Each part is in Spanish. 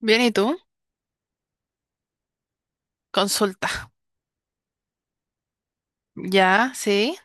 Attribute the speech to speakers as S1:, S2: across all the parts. S1: Bien, ¿y tú? Consulta. Ya, sí.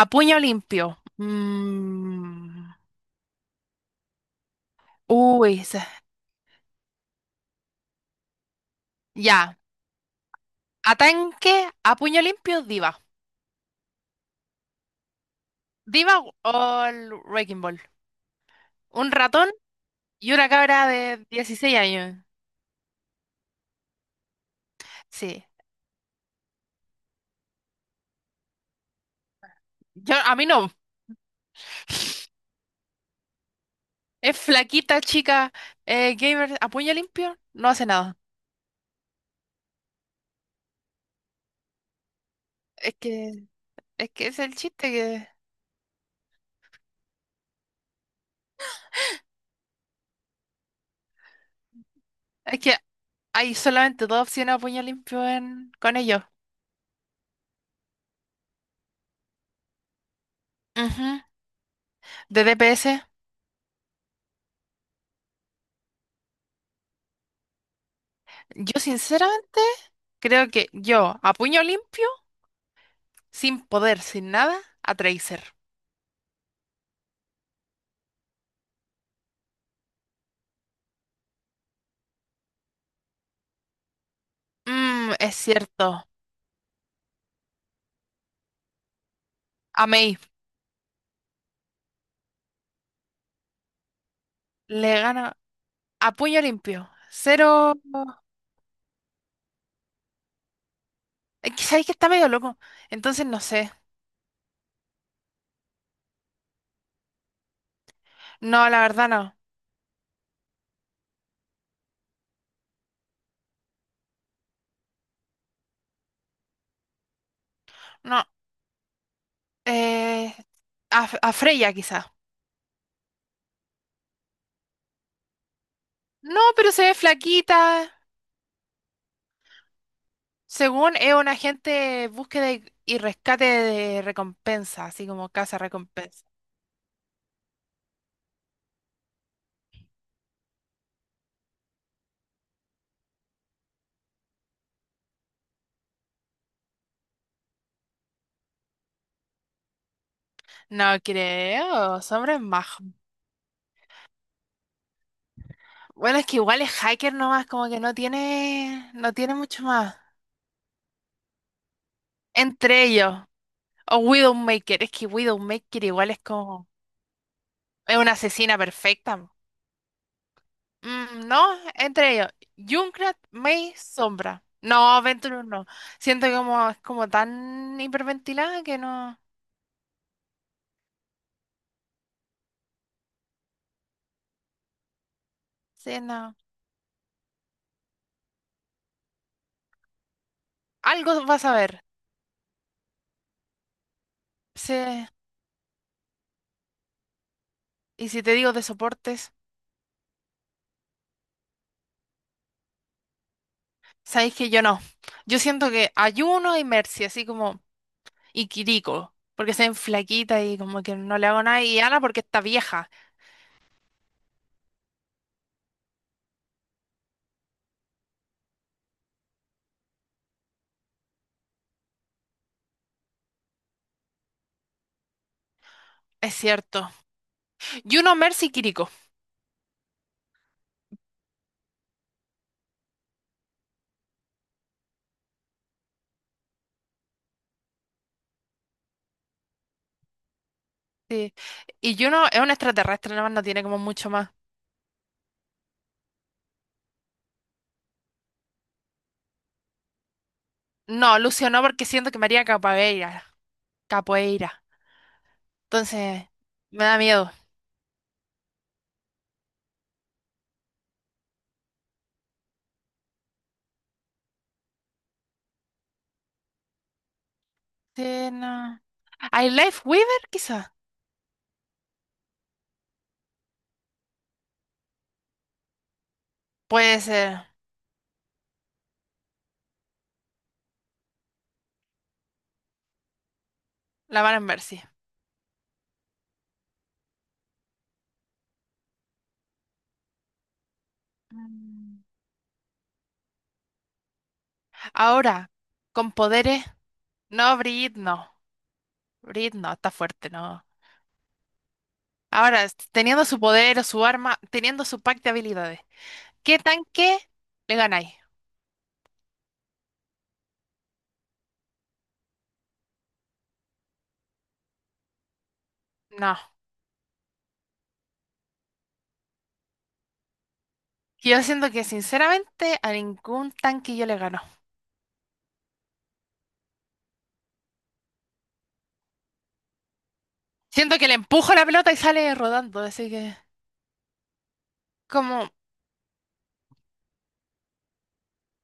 S1: A puño limpio. Mm. Uy, se- ya. Atanque a puño limpio, diva. Diva o el Wrecking Ball. Un ratón y una cabra de 16 años. Sí. Yo, a mí no. Es flaquita, chica, gamer, a puño limpio, no hace nada. Es que, es que es el chiste que. Es que hay solamente dos opciones a puño limpio en, con ellos. Ujú. De DPS. Yo sinceramente creo que yo, a puño limpio, sin poder, sin nada, a Tracer. Mm, es cierto. A Mei le gana a puño limpio. Cero. Es que sabéis que está medio loco. Entonces no sé. No, la verdad no. No. Eh, a Freya quizá. No, pero se ve flaquita. Según es un agente búsqueda y rescate de recompensa, así como casa recompensa. No creo, sombra es más. Bueno, es que igual es hacker nomás, como que no tiene, no tiene mucho más. Entre ellos, o Widowmaker, es que Widowmaker igual es como, es una asesina perfecta. Mm, no, entre ellos, Junkrat, May, Sombra. No, Venturus no. Siento que como, es como tan hiperventilada que no, sí, no. Algo vas a ver. Sí. Y si te digo de soportes, sabéis que yo no. Yo siento que Ayuno y Mercy, así como, y Kiriko, porque se ven flaquita y como que no le hago nada, y Ana porque está vieja, es cierto. Yuno, Mercy y Kiriko. Sí. Y Juno es un extraterrestre, nada más no tiene como mucho más. No, Lucio no, porque siento que María haría capoeira. Capoeira. Entonces, me da miedo. Sí, no. ¿Hay Life Weaver, quizá? Puede ser. La Van en Mercy. Mm. Ahora, con poderes. No, Brid, no. Brid, no, está fuerte, no. Teniendo su poder o su arma, teniendo su pack de habilidades, ¿qué tanque le ganáis? No. Yo siento que, sinceramente, a ningún tanque yo le gano. Siento que le empujo la pelota y sale rodando, así que. Como.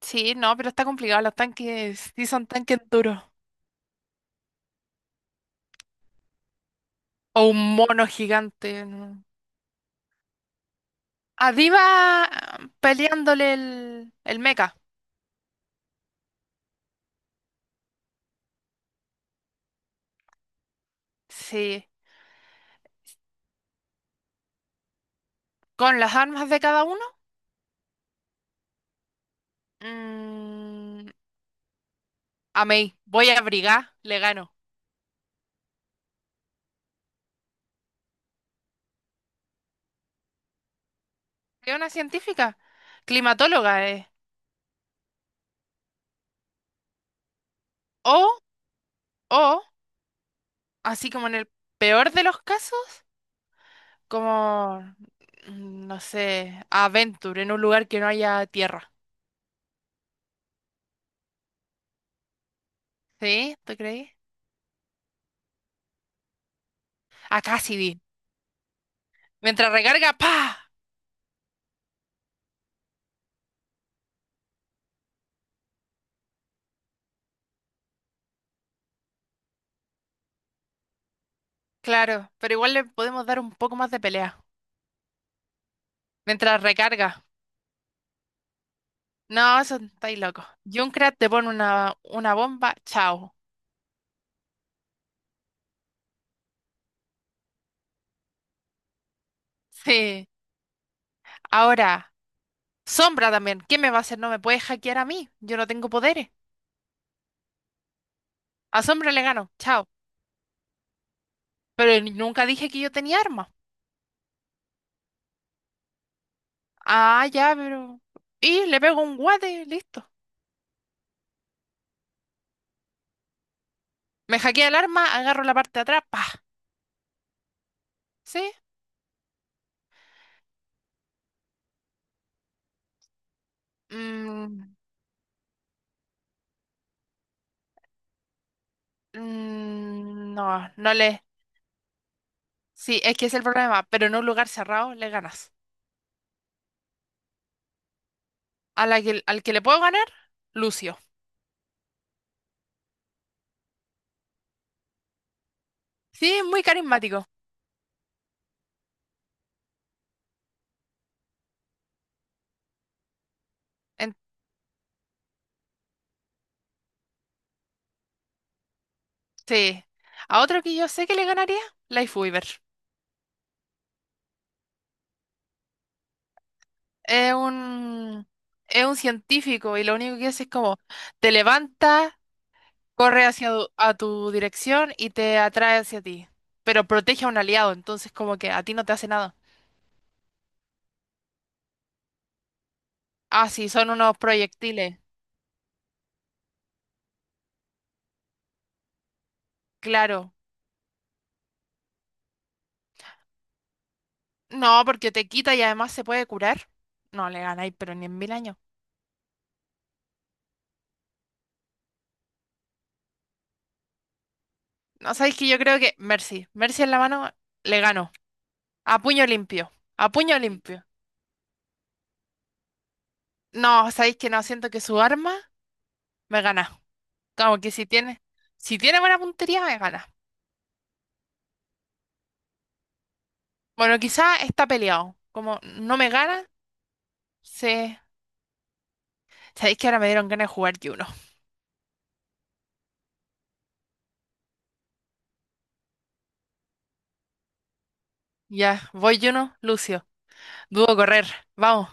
S1: Sí, no, pero está complicado. Los tanques sí son tanques duros. O un mono gigante, ¿no? A Diva, ah, peleándole el mecha. Sí. Con las armas de cada uno. Mm, amé, voy a abrigar, le gano. ¿Qué una científica, climatóloga, eh? O, o, así como en el peor de los casos, como, no sé, Adventure, en un lugar que no haya tierra. ¿Sí? ¿Tú crees? A Cassidy. Mientras recarga, ¡pa! Claro, pero igual le podemos dar un poco más de pelea. Mientras recarga. No, eso estáis locos. Junkrat te pone una bomba, chao. Sí. Ahora. Sombra también. ¿Qué me va a hacer? No me puede hackear a mí. Yo no tengo poderes. A Sombra le gano. Chao. Nunca dije que yo tenía arma. Ah, ya, pero. Y le pego un guate, listo. Me hackea el arma, agarro la parte de atrás. ¡Pah! ¿Sí? Mm, no, no le. Sí, es que es el problema. Pero en un lugar cerrado le ganas. A la que, al que le puedo ganar, Lucio. Sí, es muy carismático. En- sí. A otro que yo sé que le ganaría, Life Weaver. Es un, es un científico y lo único que hace es como te levanta, corre hacia a tu dirección y te atrae hacia ti, pero protege a un aliado, entonces como que a ti no te hace nada. Ah, sí, son unos proyectiles, claro. No, porque te quita y además se puede curar. No le ganáis, pero ni en 1000 años. No sabéis que yo creo que Mercy, Mercy en la mano le ganó. A puño limpio, a puño limpio. No, sabéis que no, siento que su arma me gana. Como que si tiene, si tiene buena puntería, me gana. Bueno, quizá está peleado. Como no me gana, se. Sabéis que ahora me dieron ganas de jugar Juno. Ya, voy Juno, Lucio. Dudo correr. Vamos.